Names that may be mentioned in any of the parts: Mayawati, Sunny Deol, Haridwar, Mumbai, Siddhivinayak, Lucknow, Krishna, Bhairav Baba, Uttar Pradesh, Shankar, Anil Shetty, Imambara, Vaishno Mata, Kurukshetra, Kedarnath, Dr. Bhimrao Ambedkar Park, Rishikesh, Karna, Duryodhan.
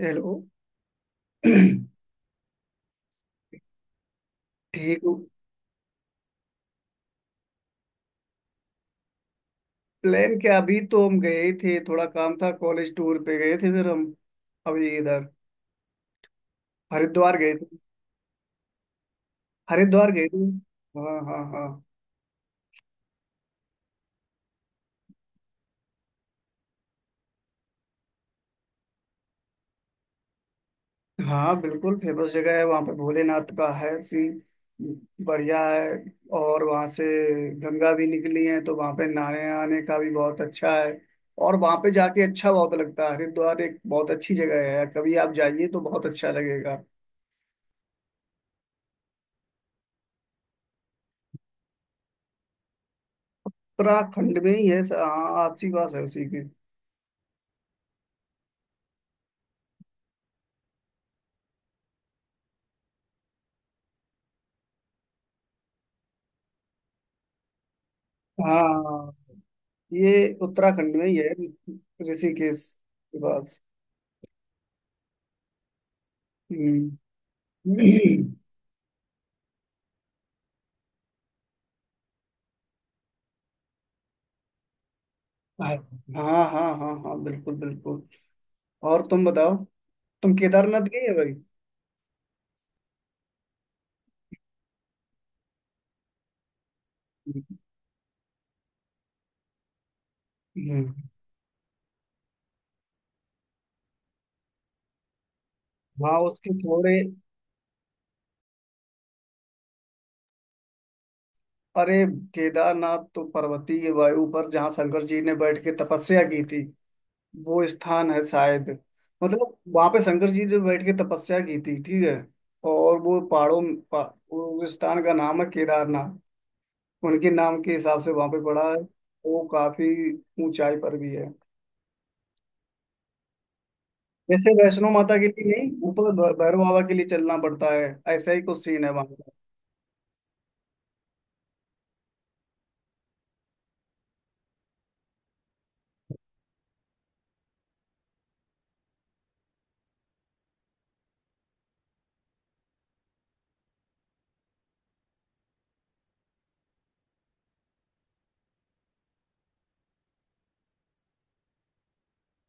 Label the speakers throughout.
Speaker 1: Hello. ठीक हूँ। Plan क्या, अभी तो हम गए ही थे। थोड़ा काम था, कॉलेज टूर पे गए थे फिर हम अभी इधर हरिद्वार गए थे। हरिद्वार गए थे। हाँ हाँ हाँ। हाँ बिल्कुल फेमस जगह है, वहाँ पे भोलेनाथ का है सीन। बढ़िया है। और वहाँ से गंगा भी निकली है तो वहाँ पे नहाने आने का भी बहुत अच्छा है। और वहाँ पे जाके अच्छा बहुत लगता है। हरिद्वार एक बहुत अच्छी जगह है, कभी आप जाइए तो बहुत अच्छा लगेगा। उत्तराखंड में ही है। हाँ आपसी बात है उसी की। हाँ, ये उत्तराखंड में ही है, ऋषिकेश के पास। हम्म। हाँ हाँ हाँ हाँ, हाँ, बिल्कुल बिल्कुल। और तुम बताओ, तुम केदारनाथ गए हो भाई? हम्म। हाँ उसके थोड़े। अरे केदारनाथ तो पर्वतीय वायु पर जहाँ शंकर जी ने बैठ के तपस्या की थी, वो स्थान है शायद। मतलब वहां पे शंकर जी ने बैठ के तपस्या की थी, ठीक है। और वो उस स्थान का नाम है केदारनाथ। उनके नाम के हिसाब से वहां पे पड़ा है। वो काफी ऊंचाई पर भी है। जैसे वैष्णो माता के लिए नहीं, ऊपर भैरव बाबा के लिए चलना पड़ता है। ऐसा ही कुछ सीन है वहां का।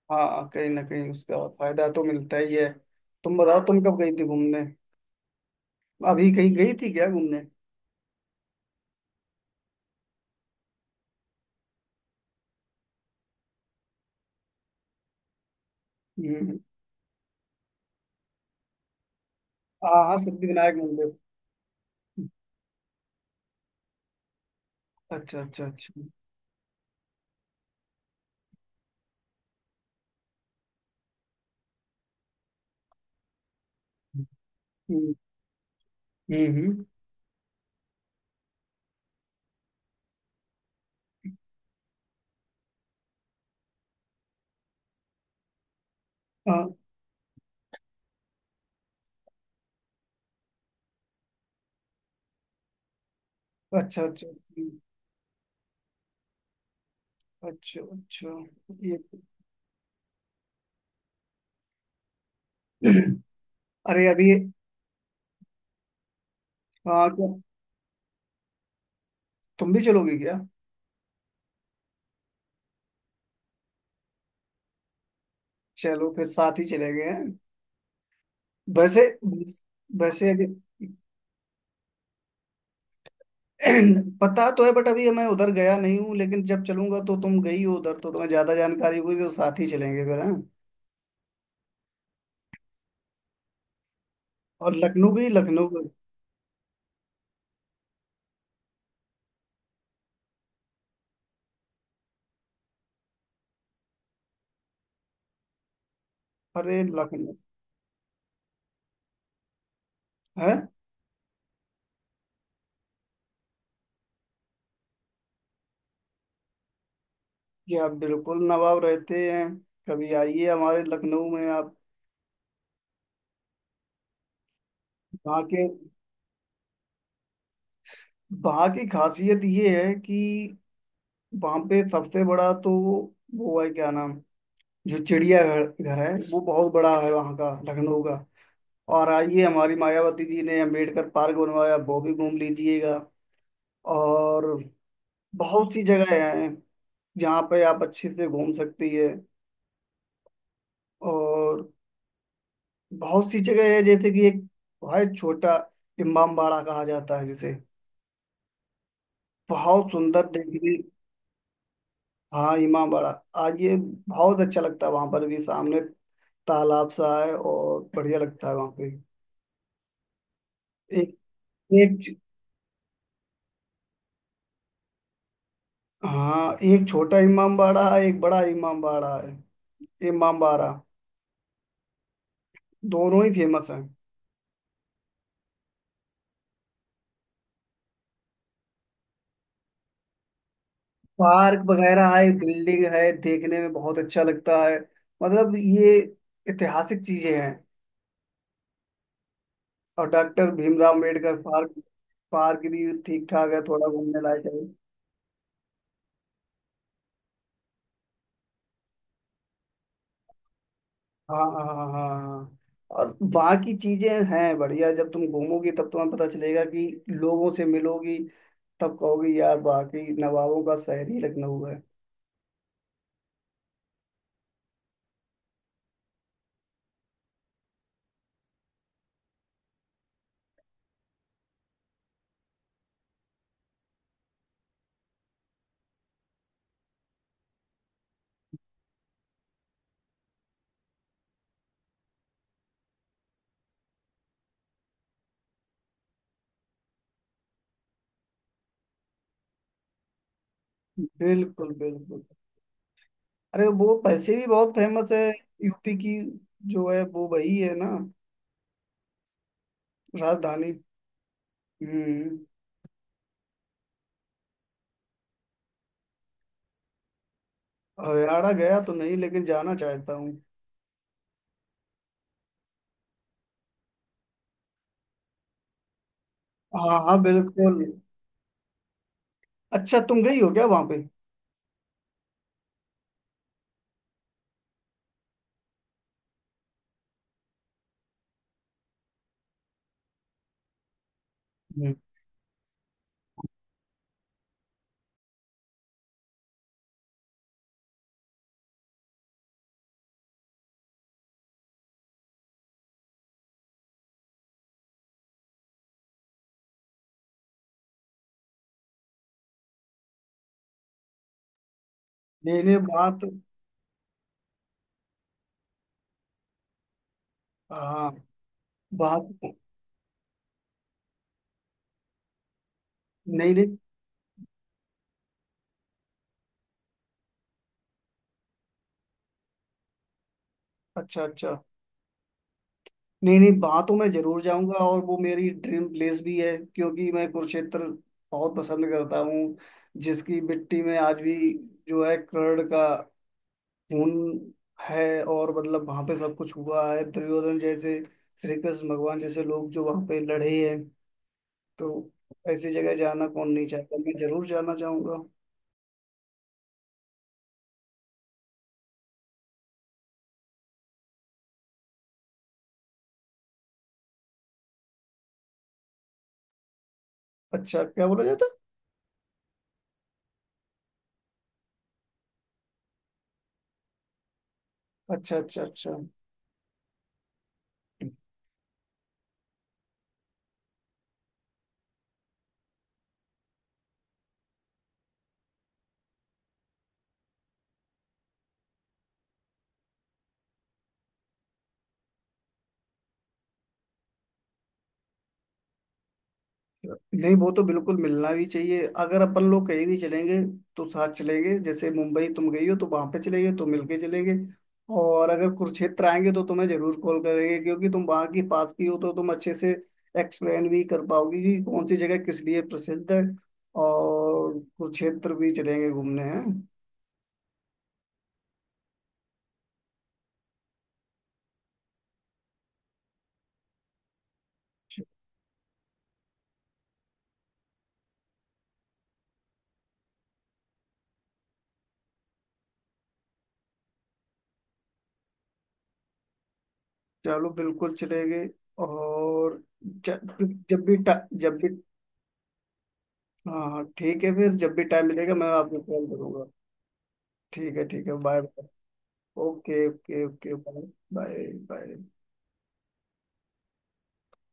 Speaker 1: हाँ कहीं ना कहीं उसका फायदा तो मिलता ही है। तुम बताओ, तुम कब गई थी घूमने? अभी कहीं गई थी क्या घूमने? हम्म। हाँ हाँ, सिद्धिविनायक मंदिर। अच्छा अच्छा अच्छा। हम्म हम्म हम्म। हाँ। अच्छा अच्छा अच्छा। अच्छा अच्छा। ये अरे अभी। हाँ क्या, तुम भी चलोगे क्या? चलो फिर साथ ही चले गए हैं वैसे। वैसे अभी पता तो है बट अभी मैं उधर गया नहीं हूँ, लेकिन जब चलूंगा तो तुम गई हो उधर तो तुम्हें ज्यादा जानकारी होगी, तो साथ ही चलेंगे फिर हैं। और अरे लखनऊ है जी, आप बिल्कुल नवाब रहते हैं। कभी आइए हमारे लखनऊ में आप। वहाँ के वहाँ की खासियत ये है कि वहाँ पे सबसे बड़ा तो वो है क्या नाम, जो चिड़ियाघर घर है वो बहुत बड़ा है वहाँ का, लखनऊ का। और आइए, हमारी मायावती जी ने अम्बेडकर पार्क बनवाया, वो भी घूम लीजिएगा। और बहुत सी जगह हैं जहाँ पे आप अच्छे से घूम सकती है। और बहुत सी जगह है, जैसे कि एक बहुत छोटा इमामबाड़ा कहा जाता है जिसे, बहुत सुंदर देखने। हाँ इमामबाड़ा, आइए बहुत अच्छा लगता है वहां पर भी, सामने तालाब सा है और बढ़िया लगता है वहां पे। एक एक हाँ, एक छोटा इमामबाड़ा है, एक बड़ा इमामबाड़ा है। इमामबाड़ा दोनों ही फेमस हैं। पार्क वगैरह है, बिल्डिंग है, देखने में बहुत अच्छा लगता है। मतलब ये ऐतिहासिक चीजें हैं। और doctor Bhimrao Ambedkar park, park भी ठीक ठाक है, थोड़ा घूमने लायक है। हाँ हाँ हाँ हाँ। और वहाँ की चीजें हैं बढ़िया, जब तुम घूमोगी तब तुम्हें पता चलेगा, कि लोगों से मिलोगी तब कहोगे यार वाकई नवाबों का शहर ही लखनऊ है। बिल्कुल बिल्कुल। अरे वो पैसे भी बहुत फेमस है। यूपी की जो है वो वही है ना, राजधानी। हम्म। हरियाणा गया तो नहीं लेकिन जाना चाहता हूँ। हाँ हाँ बिल्कुल। अच्छा तुम गई हो क्या वहां पे? हम्म। नहीं नहीं बात, हाँ बात, नहीं नहीं। अच्छा अच्छा। नहीं नहीं, बातों में जरूर जाऊंगा और वो मेरी ड्रीम प्लेस भी है, क्योंकि मैं कुरुक्षेत्र बहुत पसंद करता हूँ। जिसकी मिट्टी में आज भी जो है कर्ण का खून है। और मतलब वहां पे सब कुछ हुआ है, दुर्योधन जैसे, श्री कृष्ण भगवान जैसे लोग जो वहां पे लड़े हैं। तो ऐसी जगह जाना कौन नहीं चाहता, मैं जरूर जाना चाहूंगा। अच्छा क्या बोला जाता है? अच्छा अच्छा अच्छा। नहीं वो तो बिल्कुल मिलना भी चाहिए। अगर अपन लोग कहीं भी चलेंगे तो साथ चलेंगे, जैसे मुंबई तुम गई हो तो वहां पे चलेंगे तो मिलके चलेंगे। और अगर कुरुक्षेत्र आएंगे तो तुम्हें जरूर कॉल करेंगे, क्योंकि तुम वहां की पास की हो तो तुम अच्छे से एक्सप्लेन भी कर पाओगी कि कौन सी जगह किस लिए प्रसिद्ध है। और कुरुक्षेत्र भी चलेंगे घूमने हैं। चलो बिल्कुल चलेंगे। और जब जब भी टा- जब भी हाँ हाँ, ठीक है फिर, जब भी टाइम मिलेगा मैं आपको कॉल करूंगा। ठीक है ठीक है, bye bye. Okay okay okay, bye. Bye. Bye.